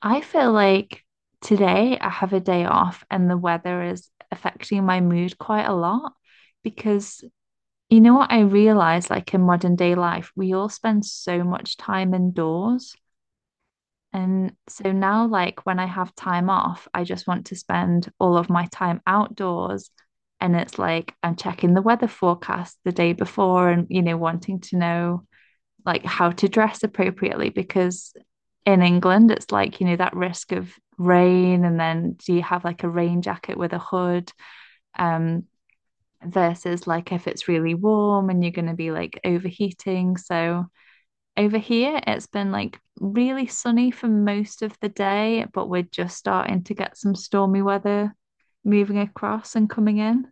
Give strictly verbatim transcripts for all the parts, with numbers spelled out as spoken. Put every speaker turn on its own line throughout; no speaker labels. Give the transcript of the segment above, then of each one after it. I feel like today I have a day off and the weather is affecting my mood quite a lot because you know what I realize, like in modern day life we all spend so much time indoors, and so now like when I have time off I just want to spend all of my time outdoors. And it's like I'm checking the weather forecast the day before and, you know, wanting to know like how to dress appropriately because in England it's like, you know, that risk of rain, and then do you have like a rain jacket with a hood um versus like if it's really warm and you're going to be like overheating. So over here it's been like really sunny for most of the day, but we're just starting to get some stormy weather moving across and coming in.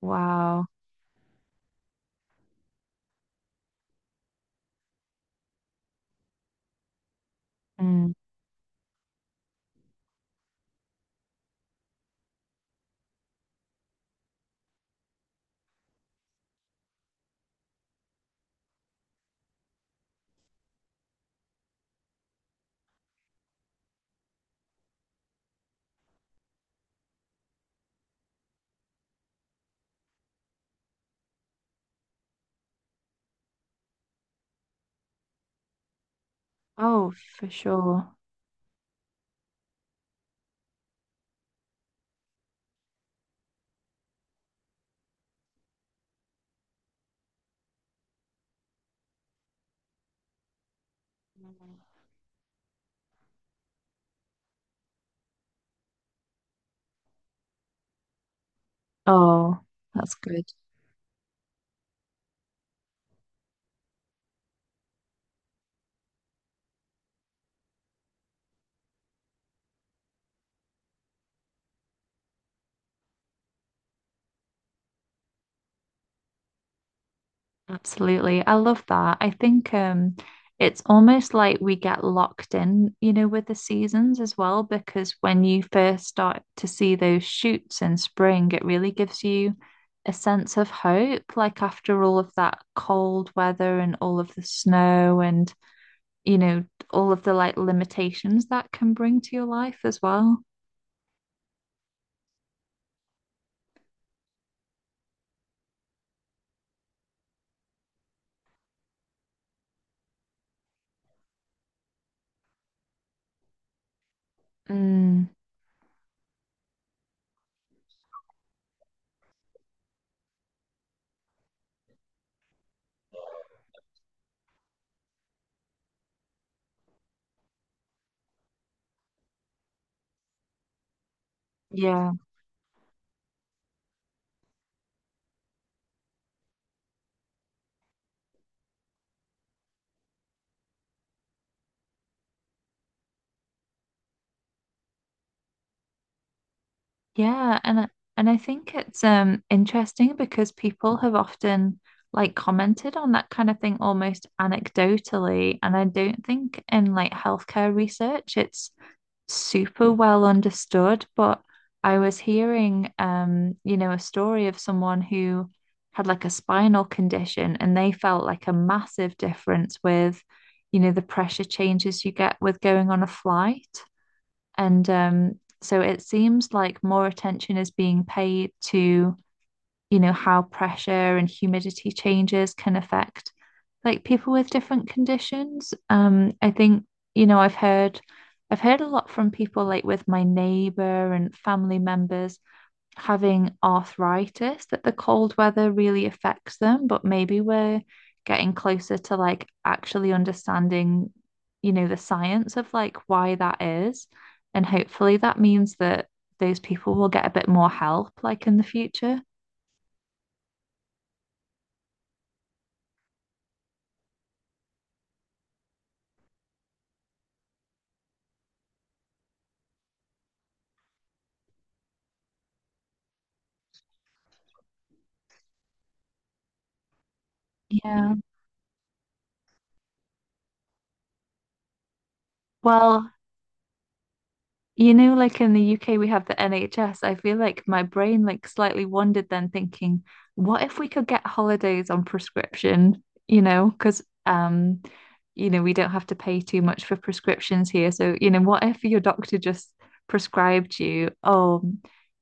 Wow. Mm. Oh, for sure. Oh, that's good. Absolutely. I love that. I think um it's almost like we get locked in, you know, with the seasons as well, because when you first start to see those shoots in spring, it really gives you a sense of hope. Like after all of that cold weather and all of the snow and, you know, all of the like limitations that can bring to your life as well. Mm, yeah. Yeah, and I- and I think it's um interesting because people have often like commented on that kind of thing almost anecdotally, and I don't think in like healthcare research it's super well understood. But I was hearing, um, you know, a story of someone who had like a spinal condition, and they felt like a massive difference with, you know, the pressure changes you get with going on a flight. And um, so it seems like more attention is being paid to, you know, how pressure and humidity changes can affect like people with different conditions. Um, I think, you know, I've heard I've heard a lot from people like with my neighbor and family members having arthritis that the cold weather really affects them, but maybe we're getting closer to like actually understanding, you know, the science of like why that is. And hopefully that means that those people will get a bit more help like in the future. Yeah. Well, you know, like in the U K, we have the N H S. I feel like my brain like slightly wandered then, thinking, what if we could get holidays on prescription? You know, because um, you know, we don't have to pay too much for prescriptions here. So, you know, what if your doctor just prescribed you, oh,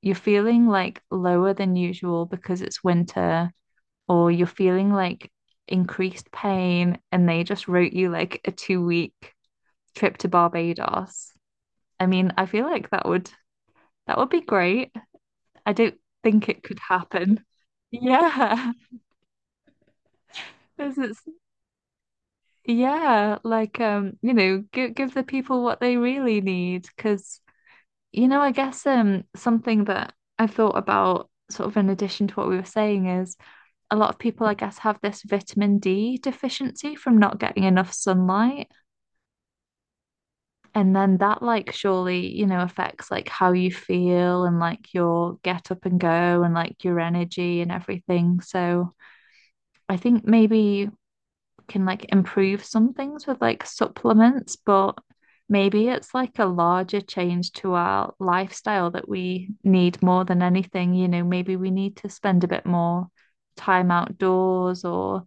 you're feeling like lower than usual because it's winter, or you're feeling like increased pain, and they just wrote you like a two week trip to Barbados. I mean, I feel like that would, that would be great. I don't think it could happen. Yeah, because it's yeah, like um, you know, give give the people what they really need. Because, you know, I guess, um, something that I've thought about, sort of in addition to what we were saying, is a lot of people, I guess, have this vitamin D deficiency from not getting enough sunlight, and then that, like, surely, you know, affects like how you feel and like your get up and go and like your energy and everything. So I think maybe you can like improve some things with like supplements, but maybe it's like a larger change to our lifestyle that we need more than anything. You know, maybe we need to spend a bit more time outdoors, or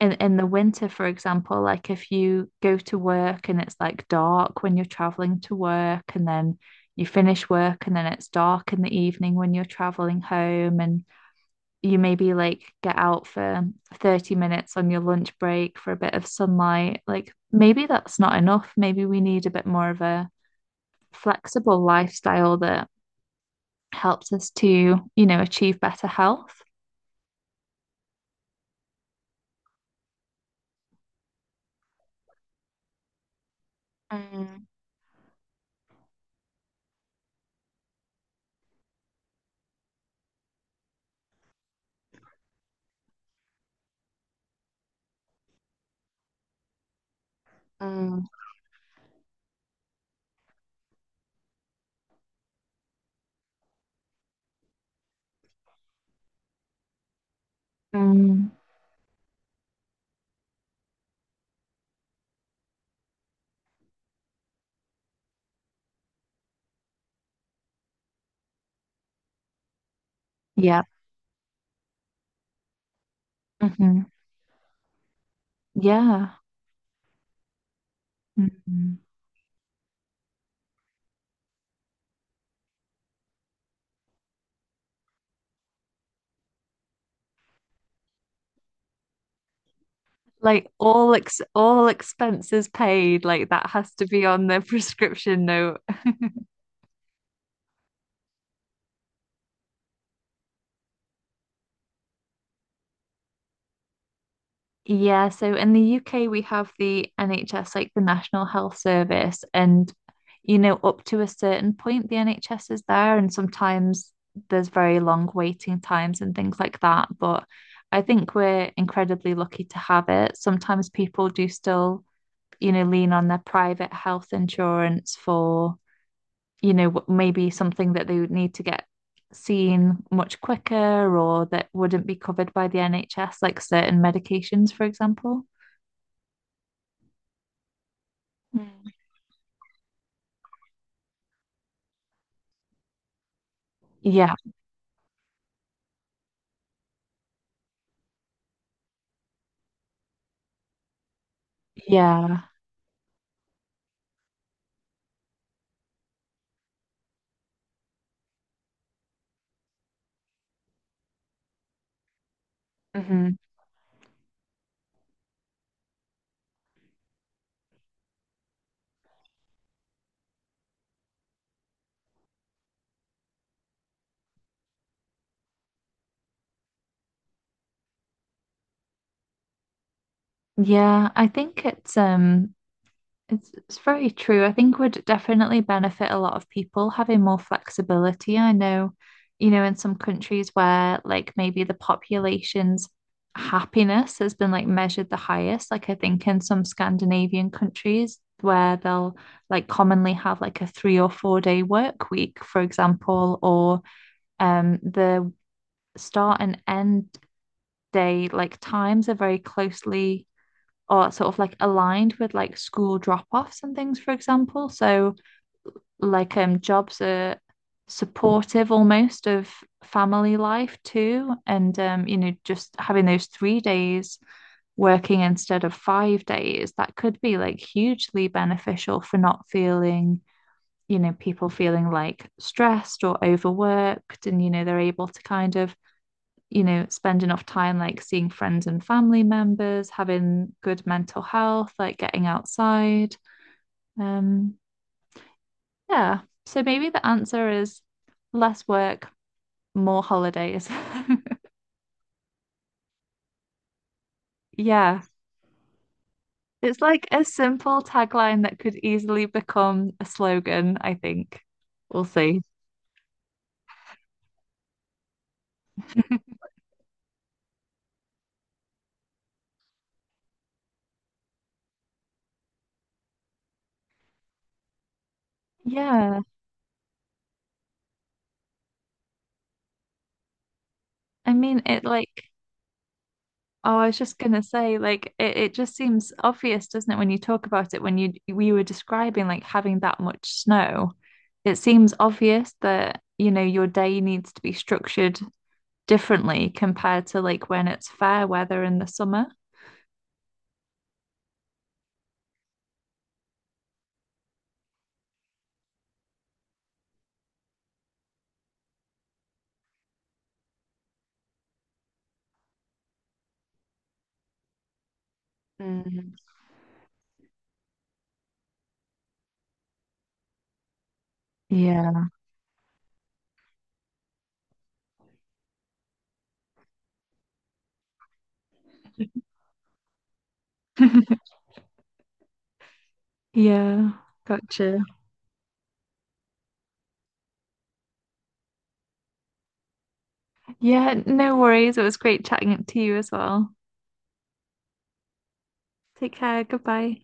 in, in the winter, for example, like if you go to work and it's like dark when you're traveling to work, and then you finish work and then it's dark in the evening when you're traveling home, and you maybe like get out for thirty minutes on your lunch break for a bit of sunlight. Like maybe that's not enough. Maybe we need a bit more of a flexible lifestyle that helps us to, you know, achieve better health. Mm, yeah. Hmm. Yeah. Hmm. Like all ex all expenses paid, like that has to be on the prescription note. Yeah, so in the U K we have the N H S, like the National Health Service, and, you know, up to a certain point the N H S is there, and sometimes there's very long waiting times and things like that. But I think we're incredibly lucky to have it. Sometimes people do still, you know, lean on their private health insurance for, you know, wh- maybe something that they would need to get seen much quicker, or that wouldn't be covered by the N H S, like certain medications, for example. Yeah, yeah. Hmm. Yeah, I think it's um it's it's very true. I think would definitely benefit a lot of people having more flexibility. I know, you know, in some countries where like maybe the population's happiness has been like measured the highest, like I think in some Scandinavian countries where they'll like commonly have like a three or four day work week, for example, or um the start and end. They like times are very closely or sort of like aligned with like school drop-offs and things, for example. So like um jobs are supportive almost of family life too. And um, you know, just having those three days working instead of five days, that could be like hugely beneficial for not feeling, you know, people feeling like stressed or overworked. And, you know, they're able to kind of, you know, spend enough time like seeing friends and family members, having good mental health, like getting outside. Um, yeah. So maybe the answer is less work, more holidays. Yeah. It's like a simple tagline that could easily become a slogan, I think. We'll see. Yeah. I mean, it like, oh, I was just gonna say, like, it, it just seems obvious, doesn't it, when you talk about it, when you we were describing like having that much snow. It seems obvious that, you know, your day needs to be structured differently compared to like when it's fair weather in the summer. Yeah. Yeah. Gotcha. Yeah, no worries. It was great chatting to you as well. Take care. Goodbye.